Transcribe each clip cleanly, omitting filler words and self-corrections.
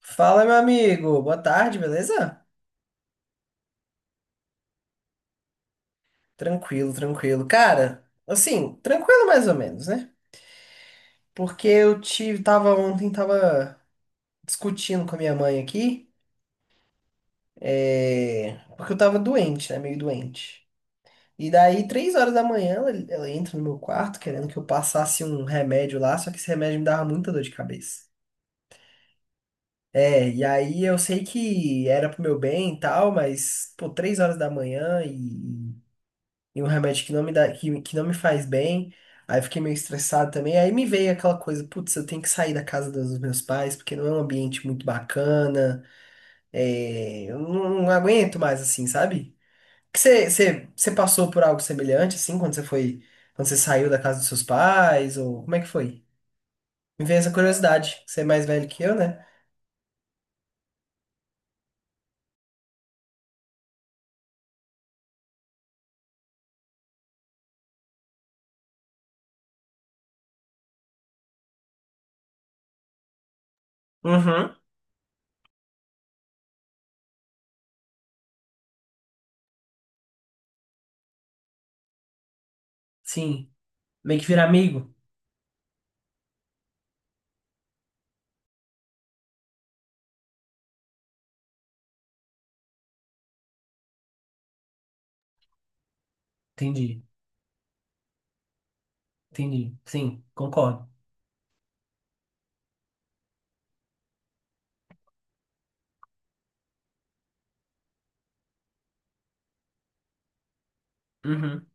Fala, meu amigo. Boa tarde, beleza? Tranquilo, tranquilo. Cara, assim, tranquilo mais ou menos, né? Porque tava ontem, tava discutindo com a minha mãe aqui, porque eu tava doente, né? Meio doente. E daí, 3 horas da manhã, ela entra no meu quarto querendo que eu passasse um remédio lá, só que esse remédio me dava muita dor de cabeça. E aí eu sei que era pro meu bem e tal, mas, pô, 3 horas da manhã e um remédio que não me dá, que não me faz bem. Aí eu fiquei meio estressado também. Aí me veio aquela coisa, putz, eu tenho que sair da casa dos meus pais, porque não é um ambiente muito bacana. Eu não aguento mais assim, sabe? Que você passou por algo semelhante assim quando você foi, quando você saiu da casa dos seus pais ou como é que foi? Me veio essa curiosidade. Você é mais velho que eu, né? Uhum. Sim. Meio que virar amigo. Entendi. Entendi. Sim, concordo. Uhum.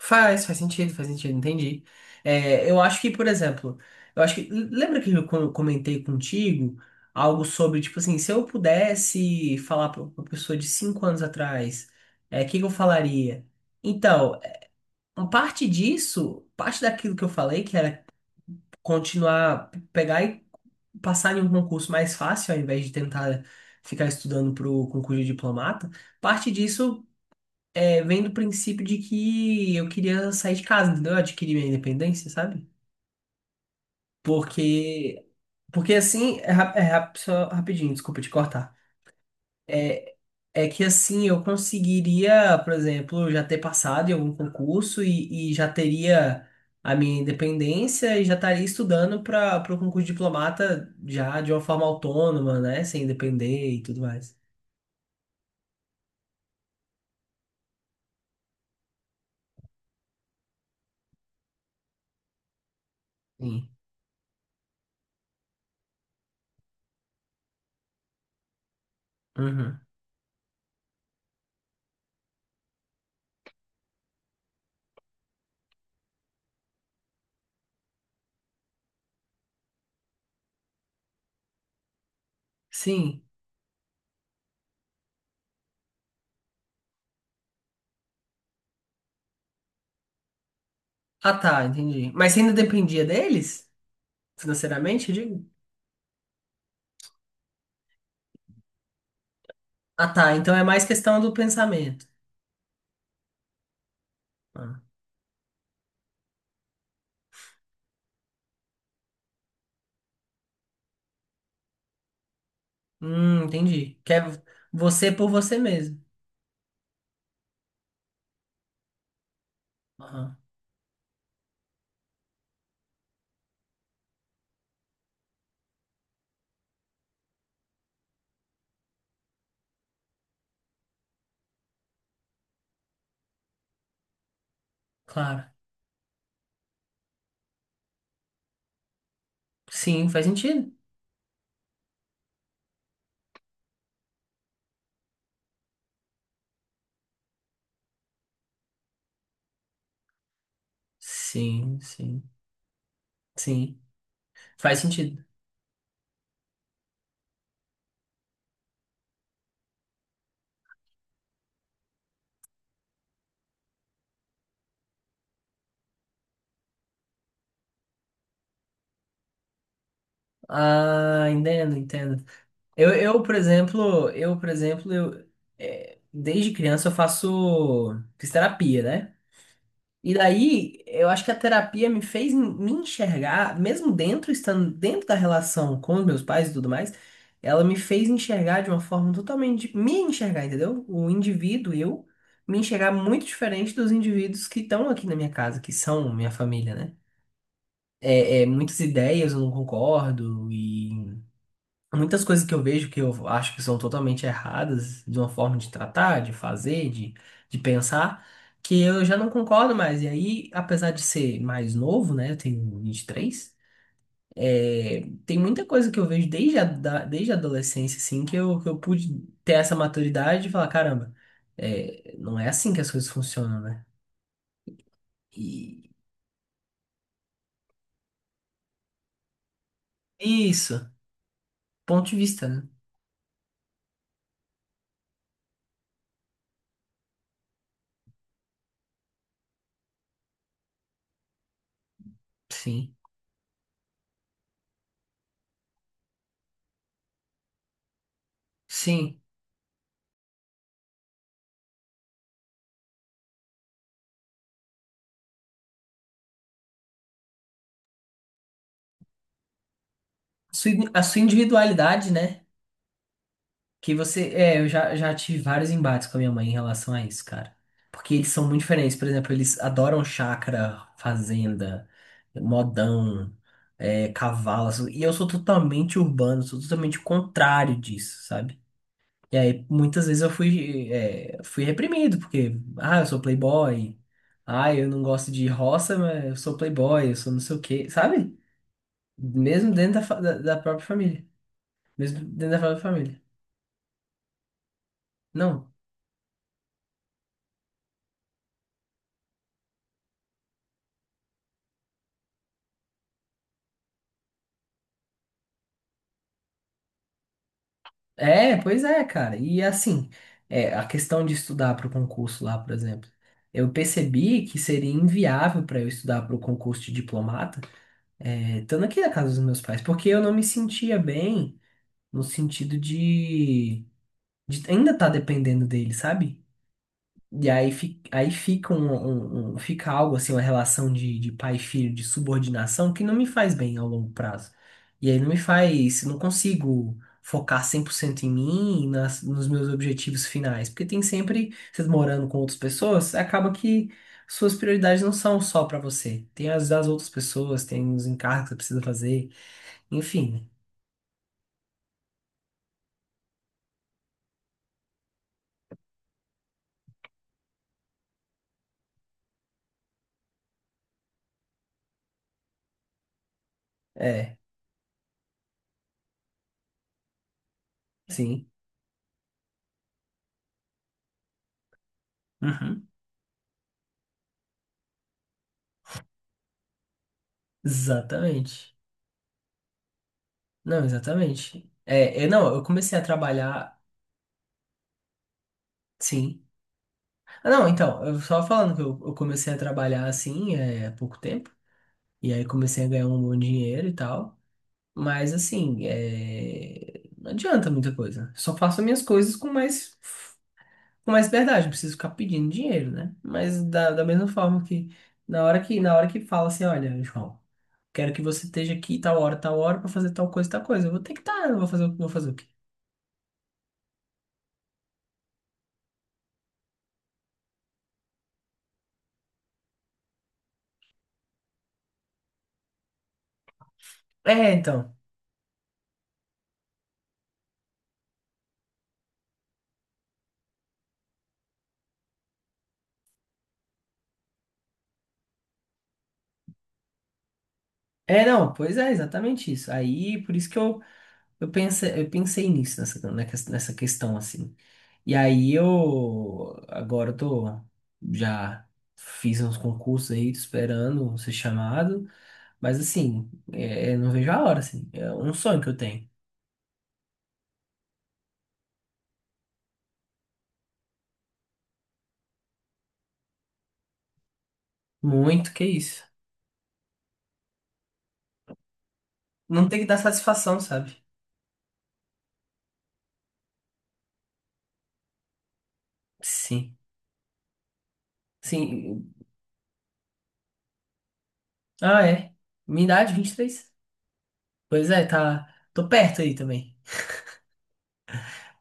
Faz, faz sentido, entendi. É, eu acho que, por exemplo, eu acho que. Lembra que eu comentei contigo algo sobre, tipo assim, se eu pudesse falar para uma pessoa de 5 anos atrás, o que que eu falaria? Então, uma parte disso, parte daquilo que eu falei, que era continuar, pegar e passar em um concurso mais fácil, ao invés de tentar ficar estudando para o concurso de diplomata, parte disso vem do princípio de que eu queria sair de casa, entendeu? Eu adquiri minha independência, sabe? Porque, porque assim, só rapidinho, desculpa te cortar. É, é que assim, eu conseguiria, por exemplo, já ter passado em algum concurso e já teria a minha independência e já estaria estudando para o concurso de diplomata já de uma forma autônoma, né? Sem depender e tudo mais. Sim. Uhum. Sim. Ah, tá, entendi. Mas você ainda dependia deles? Financeiramente, eu digo? Ah, tá. Então é mais questão do pensamento. Ah. Entendi. Quer você por você mesmo. Aham, claro. Sim, faz sentido. Sim, sim, sim. Faz sentido. Ah, entendo, entendo. Eu, por exemplo, desde criança eu faço fisioterapia, né? E daí, eu acho que a terapia me fez me enxergar, mesmo dentro, estando dentro da relação com os meus pais e tudo mais, ela me fez enxergar de uma forma totalmente, me enxergar, entendeu? O indivíduo, eu, me enxergar muito diferente dos indivíduos que estão aqui na minha casa, que são minha família, né? Muitas ideias eu não concordo e muitas coisas que eu vejo que eu acho que são totalmente erradas, de uma forma de tratar, de fazer, de pensar, que eu já não concordo mais. E aí, apesar de ser mais novo, né, eu tenho 23, é, tem muita coisa que eu vejo desde a adolescência, assim, que eu pude ter essa maturidade e falar, caramba, não é assim que as coisas funcionam, né? E isso, ponto de vista, né? Sim, sim. Sua A sua individualidade, né? Que você. É, eu já tive vários embates com a minha mãe em relação a isso, cara. Porque eles são muito diferentes. Por exemplo, eles adoram chácara, fazenda, modão, cavalo, assim. E eu sou totalmente urbano, sou totalmente o contrário disso, sabe? E aí, muitas vezes eu fui reprimido, porque, ah, eu sou playboy. Ah, eu não gosto de roça, mas eu sou playboy, eu sou não sei o quê, sabe? Mesmo dentro da, da própria família. Mesmo dentro da própria família. Não, pois é, cara. E assim, a questão de estudar para o concurso lá, por exemplo, eu percebi que seria inviável para eu estudar para o concurso de diplomata, estando aqui na casa dos meus pais, porque eu não me sentia bem no sentido de ainda estar dependendo deles, sabe? E aí, fi- aí fica, um- um- fica algo assim, uma relação de pai e filho, de subordinação, que não me faz bem ao longo prazo. E aí não me faz, não consigo focar 100% em mim, e nos meus objetivos finais. Porque tem sempre, vocês morando com outras pessoas, acaba que suas prioridades não são só pra você. Tem as das outras pessoas, tem os encargos que você precisa fazer, enfim. Né? É, sim. Uhum. Exatamente. Não, exatamente. É, não, eu comecei a trabalhar. Sim. Ah, não, então, eu só falando que eu comecei a trabalhar assim, há pouco tempo, e aí comecei a ganhar um bom dinheiro e tal, mas assim, não adianta muita coisa. Só faço minhas coisas com mais verdade, não preciso ficar pedindo dinheiro, né? Mas da mesma forma que na hora que fala assim, olha, João, quero que você esteja aqui tal hora, pra fazer tal coisa, eu vou ter que estar, eu vou fazer, vou fazer o quê? É, então. É, não, pois é, exatamente isso. Aí, por isso que eu pensei nisso, nessa questão, assim. E aí agora eu tô, já fiz uns concursos aí, tô esperando ser chamado, mas assim, não vejo a hora, assim. É um sonho que eu tenho. Muito, que isso. Não tem que dar satisfação, sabe? Sim, sim. Ah, é. Minha idade, 23. Pois é, tá, tô perto aí também.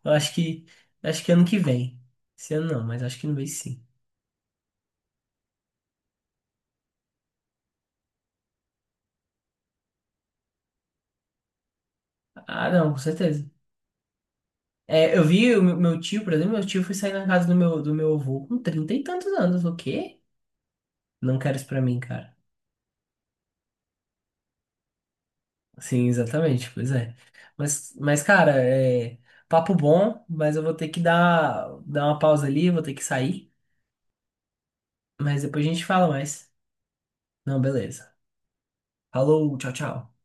Eu acho que ano que vem. Esse ano não, mas acho que ano que vem sim. Ah, não, com certeza. É, eu vi o meu tio, por exemplo, meu tio foi sair na casa do meu avô com trinta e tantos anos. O quê? Não quero isso pra mim, cara. Sim, exatamente, pois é. Mas cara, é papo bom, mas eu vou ter que dar uma pausa ali, vou ter que sair. Mas depois a gente fala mais. Não, beleza. Falou, tchau, tchau.